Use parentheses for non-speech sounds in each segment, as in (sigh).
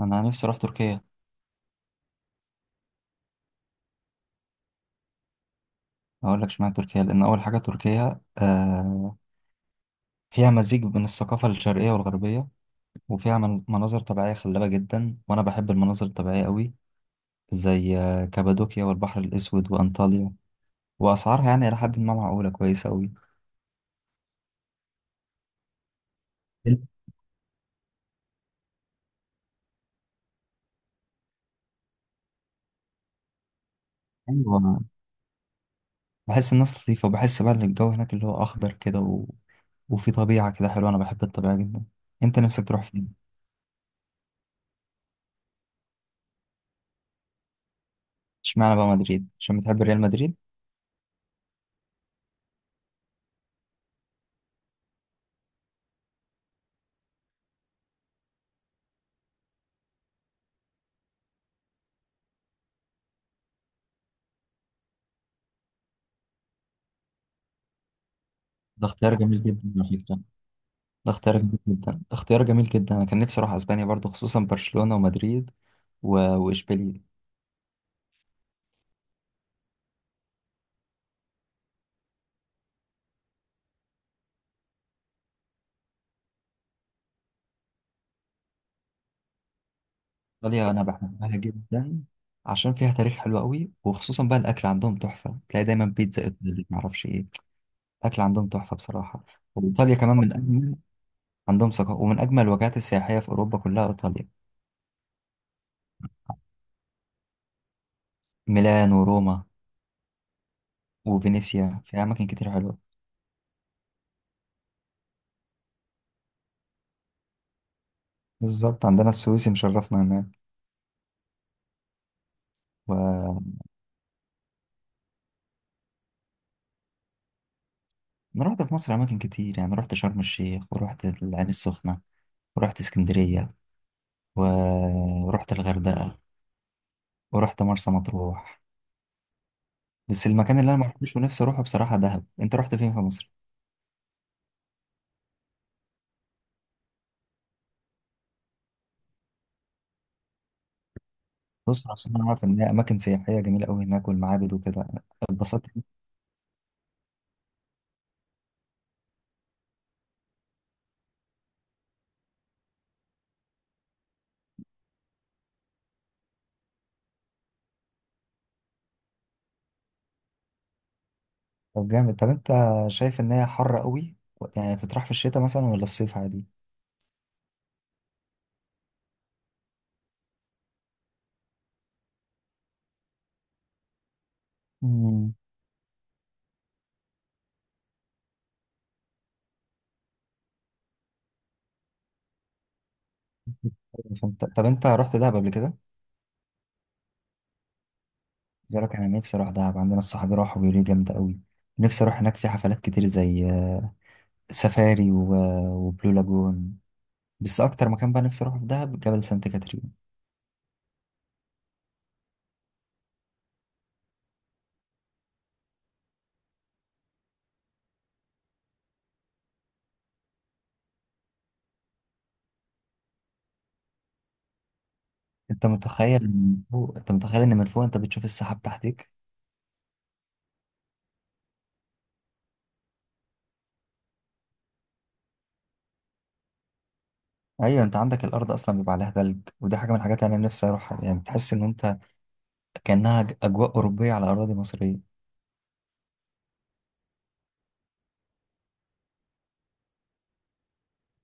انا نفسي اروح تركيا. هقول لك اشمعنى تركيا لان اول حاجه تركيا فيها مزيج بين الثقافه الشرقيه والغربيه، وفيها مناظر طبيعيه خلابه جدا، وانا بحب المناظر الطبيعيه قوي، زي كابادوكيا والبحر الاسود وانطاليا. واسعارها يعني الى حد ما معقوله كويسه قوي. ايوه، بحس الناس لطيفه، وبحس بقى ان الجو هناك اللي هو اخضر كده وفي طبيعه كده حلوه، انا بحب الطبيعه جدا. انت نفسك تروح فين؟ اشمعنى بقى مدريد، عشان بتحب ريال مدريد؟ ده اختيار جميل جدا على فكره. ده اختيار جميل جدا اختيار جميل جدا، انا كان نفسي اروح اسبانيا برضو، خصوصا برشلونة ومدريد واشبيليه. ايطاليا انا بحبها جدا، عشان فيها تاريخ حلو قوي، وخصوصا بقى الاكل عندهم تحفة، تلاقي دايما بيتزا ايطالي معرفش ايه. الاكل عندهم تحفة بصراحة. وايطاليا كمان من اجمل. عندهم ثقافة ومن اجمل الوجهات السياحية في اوروبا كلها ايطاليا. ميلان وروما وفينيسيا، في اماكن كتير حلوة. بالظبط، عندنا السويسي مشرفنا هناك و... انا رحت في مصر اماكن كتير يعني، رحت شرم الشيخ، ورحت العين السخنة، ورحت اسكندرية ورحت الغردقة، ورحت مرسى مطروح. بس المكان اللي انا ما رحتوش ونفسي اروحه بصراحة دهب. انت رحت فين في مصر؟ بص، عشان انا عارف ان هي اماكن سياحية جميلة قوي هناك، والمعابد وكده. اتبسطت؟ طب جامد. طب انت شايف ان هي حر قوي؟ يعني تطرح في الشتاء مثلا ولا الصيف عادي؟ مم. (laughs) طب انت رحت دهب قبل كده؟ زيك، انا نفسي اروح دهب. عندنا الصحاب راحوا بيقولوا لي جامدة قوي. نفسي اروح هناك، في حفلات كتير زي سفاري وبلو لاجون. بس اكتر مكان بقى نفسي اروحه في دهب جبل سانت كاترين. انت متخيل ان من فوق انت بتشوف السحاب تحتك. ايوه، انت عندك الارض اصلا بيبقى عليها ثلج، ودي حاجه من الحاجات اللي انا نفسي اروحها، يعني تحس ان انت كانها اجواء اوروبيه على اراضي مصريه.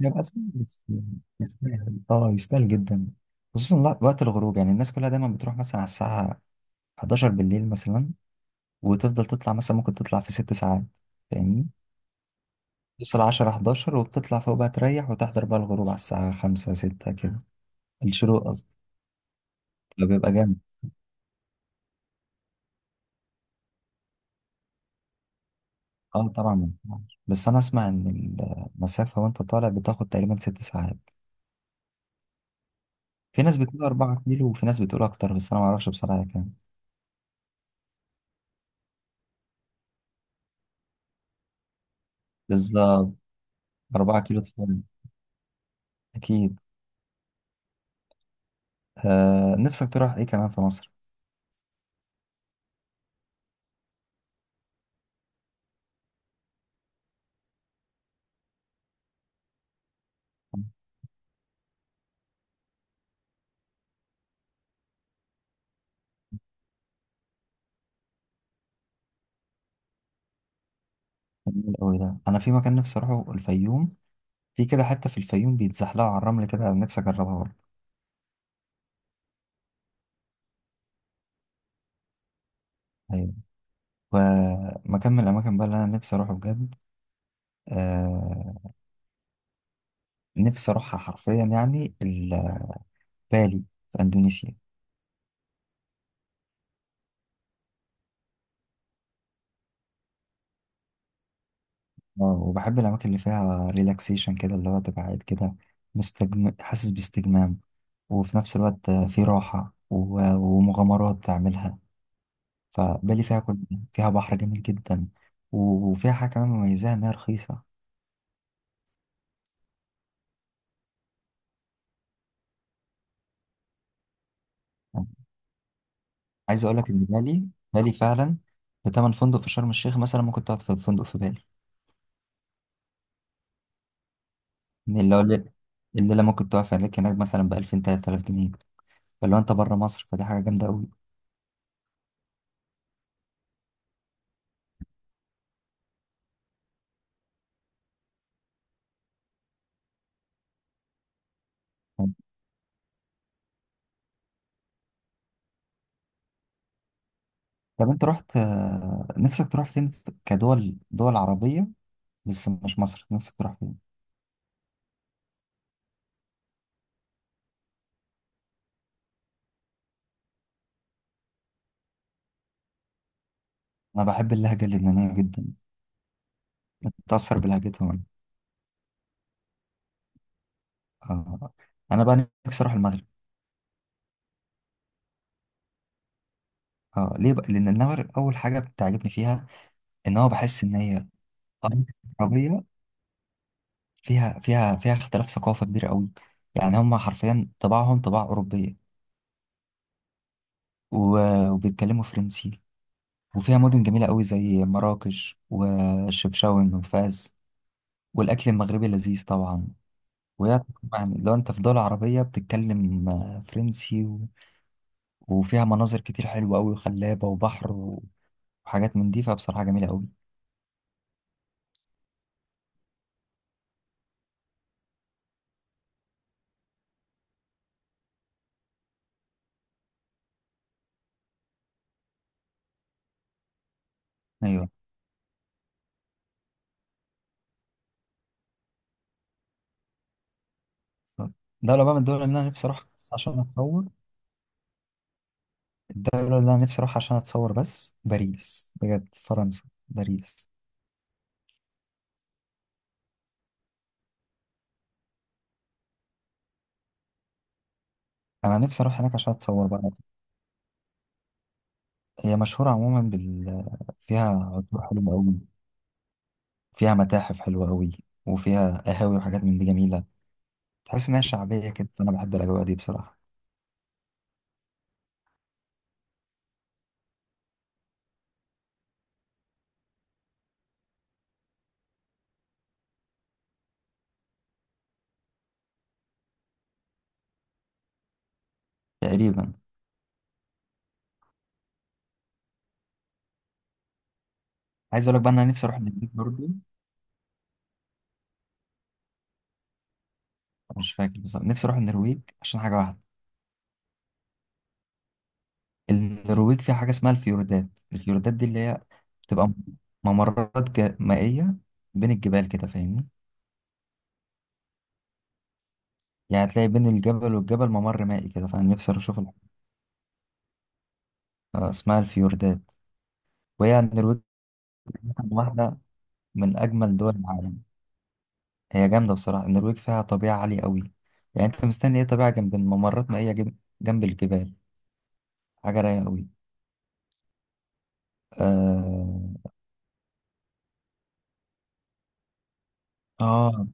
يبقى يستاهل. اه يستاهل جدا، خصوصا وقت الغروب. يعني الناس كلها دايما بتروح مثلا على الساعه 11 بالليل مثلا، وتفضل تطلع، مثلا ممكن تطلع في ست ساعات، فاهمني؟ توصل 10 11 وبتطلع فوق بقى تريح، وتحضر بقى الغروب على الساعه 5 6 كده. الشروق قصدي، لو بيبقى جامد. اه طبعا ما ينفعش. بس انا اسمع ان المسافه وانت طالع بتاخد تقريبا ست ساعات. في ناس بتقول 4 كيلو، وفي ناس بتقول اكتر، بس انا ما اعرفش بصراحه هي كام. بالظبط. 4 كيلو طبعا، اكيد. آه، نفسك تروح ايه كمان في مصر؟ جميل قوي ده. انا في مكان نفسي اروحه الفيوم. في كده حته في الفيوم بيتزحلقوا على الرمل كده، نفسي اجربها برضه. ايوه. ومكان من الاماكن بقى اللي انا نفسي اروحه بجد، آه، نفسي اروحها حرفيا يعني، بالي، في اندونيسيا. اه، وبحب الأماكن اللي فيها ريلاكسيشن كده، اللي هو تبقى قاعد كده حاسس باستجمام، وفي نفس الوقت في راحة ومغامرات تعملها. فبالي فيها كل فيها بحر جميل جدا، وفيها حاجة كمان مميزة إنها رخيصة. يعني، عايز أقول لك إن بالي، فعلا بتمن فندق في شرم الشيخ مثلا ممكن تقعد في فندق في بالي. إن اللي هو الليلة ممكن تقعد في هناك مثلا بألفين تلات آلاف جنيه، فلو أنت بره مصر فدي حاجة جامدة أوي. طب انت رحت، نفسك تروح فين كدول دول عربية بس مش مصر، نفسك تروح فين؟ انا بحب اللهجة اللبنانية جدا، بتأثر بلهجتهم انا. آه، انا بقى نفسي اروح المغرب. اه، ليه بقى؟ لان المغرب اول حاجة بتعجبني فيها ان هو بحس ان هي عربية فيها اختلاف ثقافة كبير قوي، يعني هم حرفيا طباعهم طباع أوروبية، وبيتكلموا فرنسي، وفيها مدن جميلة قوي زي مراكش وشفشاون وفاس، والأكل المغربي لذيذ طبعا. وهي، يعني لو انت في دول عربية بتتكلم فرنسي وفيها مناظر كتير حلوة أوي وخلابة وبحر وحاجات من دي، فبصراحة جميلة أوي. أيوة. دولة بقى من الدول اللي أنا نفسي أروحها بس عشان أتصور، الدولة اللي أنا نفسي أروحها عشان أتصور بس، باريس بجد، فرنسا، باريس. أنا نفسي أروح هناك عشان أتصور بقى. هي مشهورة عموما بال، فيها عطور حلوة أوي، فيها متاحف حلوة أوي، وفيها قهاوي وحاجات من دي جميلة. تحس إنها شعبية كده، فأنا بحب الأجواء دي بصراحة. تقريبا. عايز اقول لك بقى إن انا نفسي اروح النرويج برضه. أنا مش فاكر بالظبط، نفسي اروح النرويج عشان حاجه واحده. النرويج فيها حاجه اسمها الفيوردات. الفيوردات دي اللي هي بتبقى ممرات مائيه بين الجبال كده، فاهمني؟ يعني هتلاقي بين الجبل والجبل ممر مائي كده، فانا نفسي أروح اشوف اسمها الفيوردات. وهي النرويج واحده من اجمل دول العالم. هي جامده بصراحه، النرويج فيها طبيعه عاليه قوي، يعني انت مستني ايه؟ طبيعه جنب الممرات مائيه، جنب الجبال، حاجه رايقه قوي. آه... آه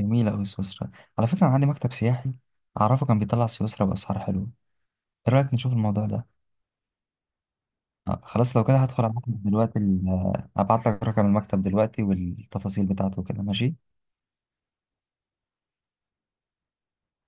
جميلة أوي سويسرا. على فكرة أنا عندي مكتب سياحي أعرفه كان بيطلع سويسرا بأسعار حلوة. إيه رأيك نشوف الموضوع ده؟ خلاص لو كده هدخل أبعت لك دلوقتي أبعت لك رقم المكتب دلوقتي والتفاصيل بتاعته كده، ماشي؟